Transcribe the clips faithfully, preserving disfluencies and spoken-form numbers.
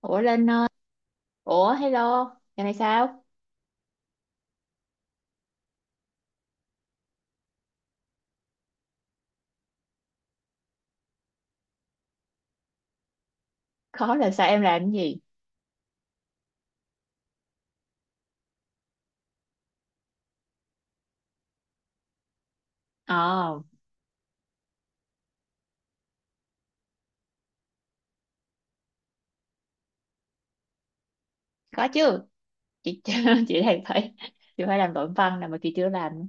Ủa Linh ơi, ủa hello, giờ này sao? Khó là sao em làm cái gì? Ờ, có chứ. Chị chị đang phải chị phải làm luận văn là mà chị chưa làm.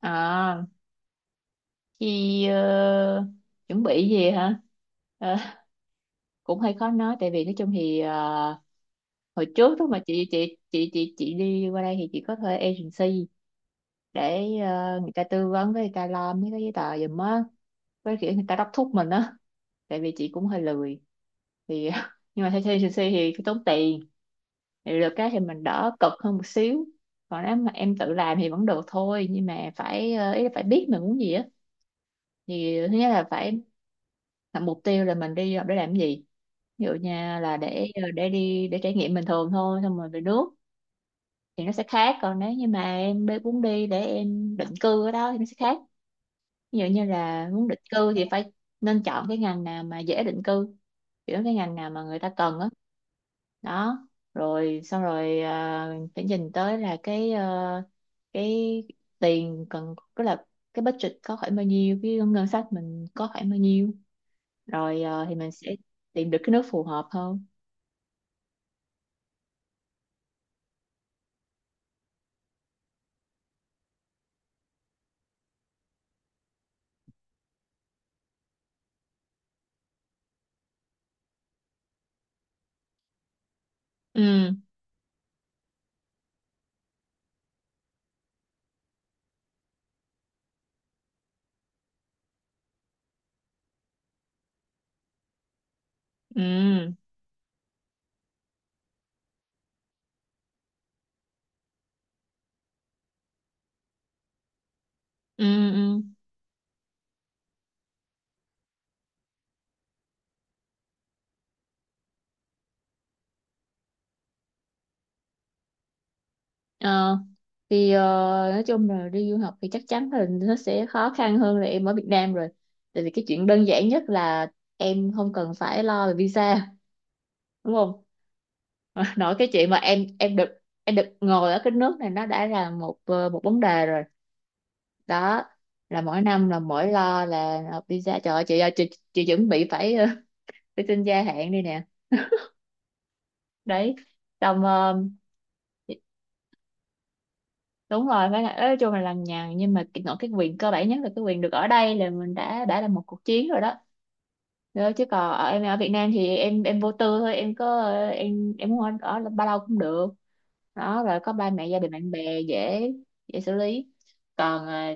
Ờ, chị ờ, chuẩn bị gì hả? Ờ, cũng hơi khó nói tại vì nói chung thì ờ, hồi trước lúc mà chị chị chị chị chị đi qua đây thì chị có thuê agency để ờ, người ta tư vấn với người ta lo mấy cái giấy tờ giùm á, với kiểu người ta đốc thúc mình á, tại vì chị cũng hơi lười thì nhưng mà theo agency thì cái tốn tiền thì được cái thì mình đỡ cực hơn một xíu còn nếu mà em tự làm thì vẫn được thôi nhưng mà phải ờ, ý là phải biết mình muốn gì á thì thứ nhất là phải là mục tiêu là mình đi học để làm cái gì ví dụ như là để ờ, để đi để trải nghiệm bình thường thôi xong rồi về nước thì nó sẽ khác còn nếu như mà em đi- muốn đi để em định cư ở đó thì nó sẽ khác ví dụ như là muốn định cư thì phải nên chọn cái ngành nào mà dễ định cư kiểu cái ngành nào mà người ta cần á đó rồi xong rồi à, phải nhìn tới là cái ờ, cái tiền cần tức là cái budget có khoảng bao nhiêu cái ngân sách mình có khoảng bao nhiêu rồi ờ, thì mình sẽ tìm được cái nước phù hợp hơn ừ ừ ừ ừ Ờ, thì ờ, nói chung là đi du học thì chắc chắn là nó sẽ khó khăn hơn là em ở Việt Nam rồi tại vì cái chuyện đơn giản nhất là em không cần phải lo về visa đúng không nói cái chuyện mà em em được em được ngồi ở cái nước này nó đã là một ờ, một vấn đề rồi đó là mỗi năm là mỗi lo là nộp visa trời ơi, chị ơi chị, chị, chuẩn bị phải ờ, phải xin gia hạn đi nè đấy xong ờ, đúng rồi phải là nói chung là lằng nhằng nhưng mà cái- nói cái quyền cơ bản nhất là cái quyền được ở đây là mình đã đã là một cuộc chiến rồi đó Đó, chứ còn ở em ở Việt Nam thì em em vô tư thôi em có em em muốn ở ở bao lâu cũng được đó rồi có ba mẹ gia đình bạn bè dễ dễ xử lý còn à,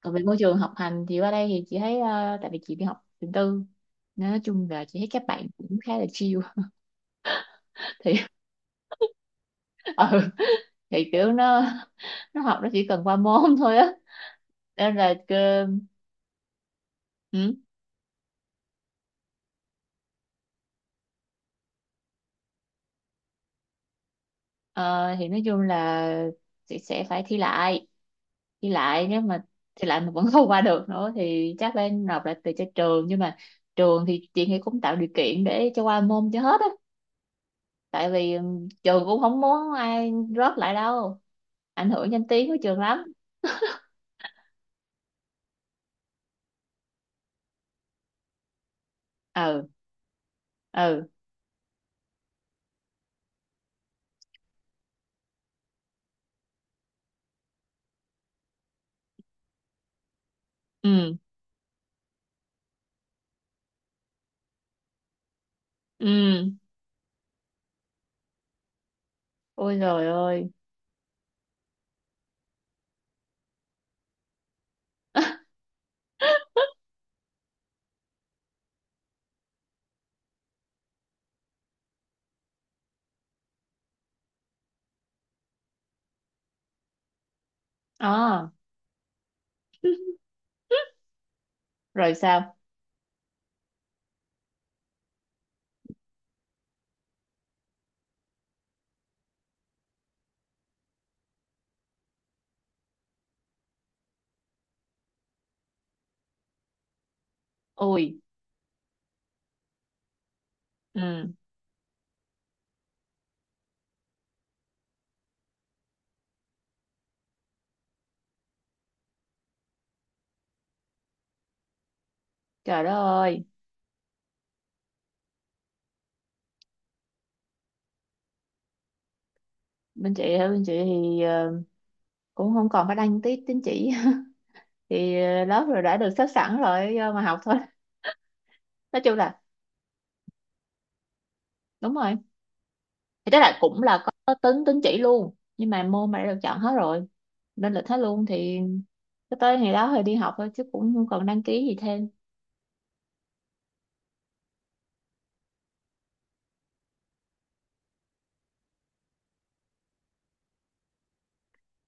còn về môi trường học hành thì qua đây thì chị thấy à, tại vì chị đi học trường tư nên nói chung là chị thấy các bạn cũng khá là chill thì ừ thì kiểu nó nó học nó chỉ cần qua môn thôi á nên là cơ- ừ, ờ, thì nói chung là chị sẽ phải thi lại đi lại nếu mà thì lại mà vẫn không qua được nữa thì chắc phải nộp lại từ cho trường nhưng mà trường thì chị nghĩ cũng tạo điều kiện để cho qua môn cho hết á tại vì ừm, trường cũng không muốn ai rớt lại đâu ảnh hưởng danh tiếng của trường lắm ừ ừ ừ ừ ôi rồi ơi ờ rồi sao ui ừ trời đất ơi bên chị hả bên chị thì ờ, cũng không còn phải đăng tí tín chỉ thì ờ, lớp rồi đã được xếp sẵn rồi do mà học thôi nói chung là đúng rồi thì tức là cũng là có tính tín chỉ luôn nhưng mà môn mà đã được chọn hết rồi nên lịch hết luôn thì cứ tới ngày đó thì đi học thôi chứ cũng không còn đăng ký gì thêm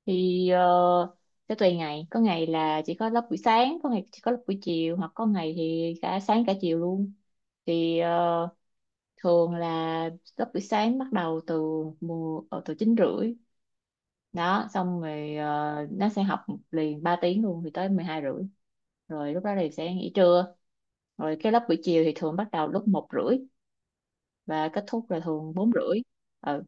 thì ờ, sẽ tùy ngày có ngày là chỉ có lớp buổi sáng có ngày chỉ có lớp buổi chiều hoặc có ngày thì cả sáng cả chiều luôn thì ờ, thường là lớp buổi sáng bắt đầu từ mùa ờ, từ chín rưỡi đó xong rồi ờ, nó sẽ học liền ba tiếng luôn thì tới mười hai rưỡi rồi lúc đó thì sẽ nghỉ trưa rồi cái lớp buổi chiều thì thường bắt đầu lúc một rưỡi và kết thúc là thường bốn rưỡi ừ.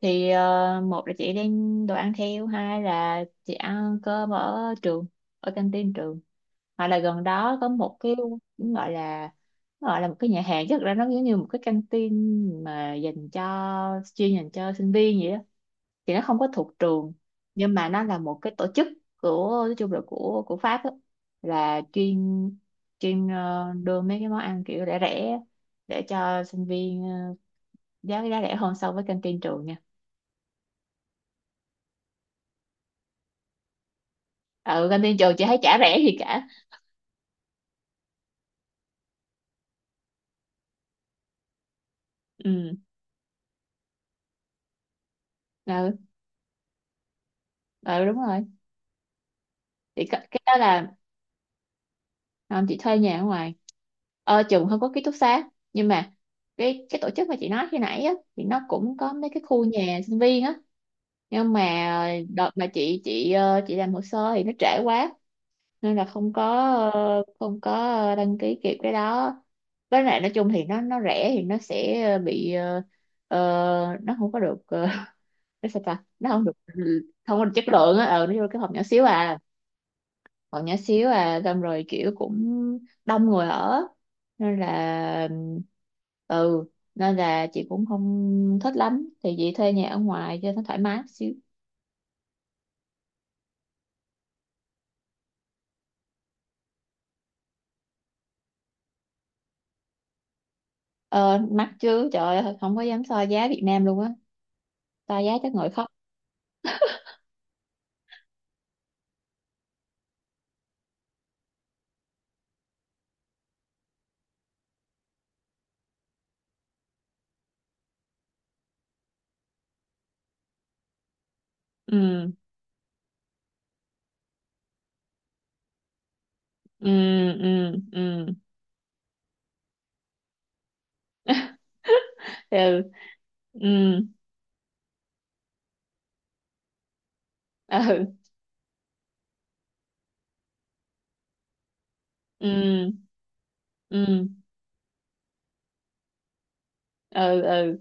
thì ờ, một là chị đem đồ ăn theo hai là chị ăn cơm ở trường ở canteen trường hoặc là gần đó có một cái cũng gọi là nó gọi là một cái nhà hàng chứ thực ra nó giống như một cái canteen mà dành cho chuyên dành cho sinh viên vậy đó thì nó không có thuộc trường nhưng mà nó là một cái tổ chức của nói chung là của của Pháp á, là chuyên chuyên ờ, đưa mấy cái món ăn kiểu rẻ rẻ để cho sinh viên ờ, giá giá rẻ hơn so với canteen trường nha ừ canteen trường chị thấy chả rẻ gì cả ừ ừ, ừ đúng rồi thì cái cái đó là ờ, chị thuê nhà ở ngoài ờ, trường không có ký túc xá nhưng mà cái cái tổ chức mà chị nói khi nãy á thì nó cũng có mấy cái khu nhà sinh viên á nhưng mà đợt mà chị chị ờ, chị làm hồ sơ thì nó trễ quá nên là không có ờ, không có ờ, đăng ký kịp cái đó với lại nói chung thì nó nó rẻ thì nó sẽ ờ, bị ờ, ờ, nó không có được ờ, nó sao ta nó không được ừ, không có được chất lượng á ừ, nó vô cái phòng nhỏ xíu à phòng nhỏ xíu à xong rồi kiểu cũng đông người ở nên là ừ nên là chị cũng không thích lắm thì chị thuê nhà ở ngoài cho nó thoải mái xíu Ờ, mắc chứ trời ơi không có dám so giá Việt Nam luôn á so giá chắc ngồi khóc ừ ừ ừ ừ ừ ừ ừ ừ ừ ừ ừ.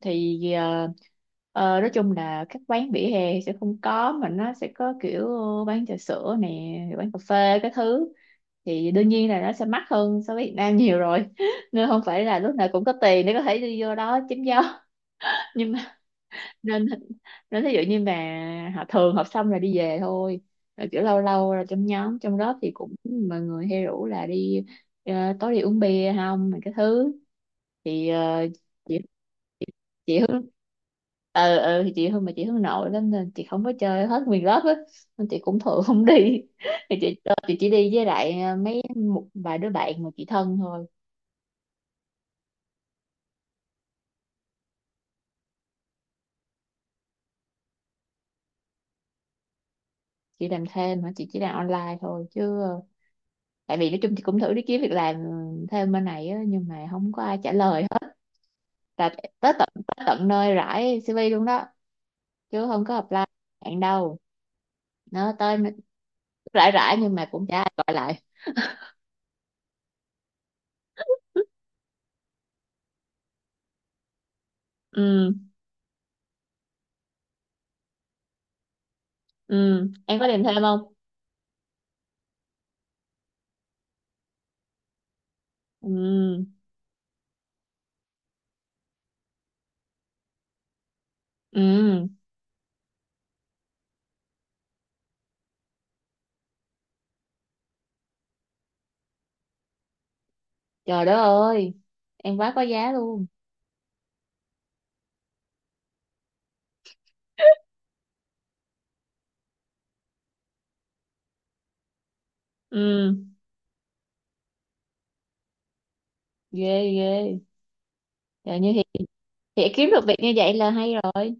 thì ờ, ờ, nói chung là các quán vỉa hè sẽ không có mà nó sẽ có kiểu bán trà sữa nè bán cà phê cái thứ thì đương nhiên là nó sẽ mắc hơn so với Việt Nam nhiều rồi nên không phải là lúc nào cũng có tiền để có thể đi vô đó chém gió nhưng mà nên nên ví dụ như mà họ thường họp xong là đi về thôi rồi kiểu lâu lâu là trong nhóm trong lớp thì cũng mọi người hay rủ là đi ờ, tối đi uống bia không mà cái thứ thì ờ, chị chị Hương ừ ừ thì chị Hương mà chị Hương nội lắm nên chị không có chơi hết nguyên lớp á nên chị cũng thường không đi thì chị chị chỉ đi với lại ờ, mấy một vài đứa bạn mà chị thân thôi chị làm thêm mà chị chỉ làm online thôi chứ ờ, tại vì nói chung thì cũng thử đi kiếm việc làm thêm bên này á, nhưng mà không có ai trả lời hết là tới tận tới tận nơi rải xê vê luôn đó chứ không có apply bạn đâu nó tới rải rải nhưng mà cũng chả ai gọi lại ừ ừ em có tìm thêm không ừ ừ trời đất ơi em quá có giá luôn ừ ghê ghê trời như hiện hiện kiếm được việc như vậy là hay rồi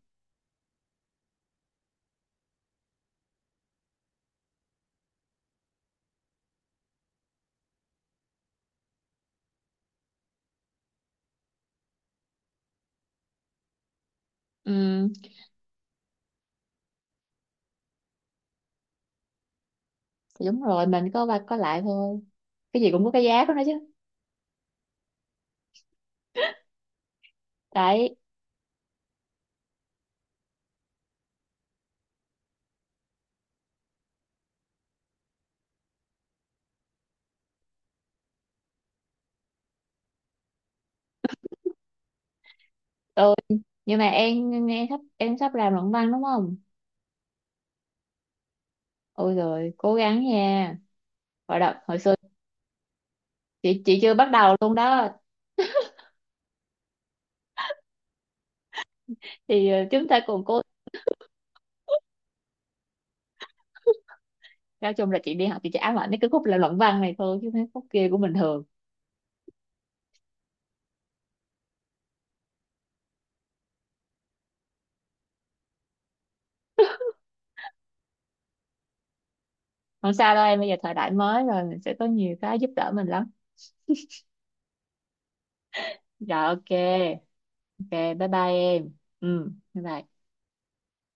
ừ thì đúng rồi mình có qua có lại thôi cái gì cũng có cái giá của nó chứ đấy Ừ nhưng mà em nghe sắp em sắp làm luận văn đúng không ôi rồi cố gắng nha hồi đợt hồi xưa chị chị chưa bắt đầu luôn đó thì ờ, chúng ta cùng cố nói chung là chị đi học chị chỉ ám ảnh đến cái khúc là luận văn này thôi chứ mấy khúc kia cũng bình thường không sao đâu em bây giờ thời đại mới rồi mình sẽ có nhiều cái giúp đỡ mình lắm rồi ok ok bye bye em ừ bye bye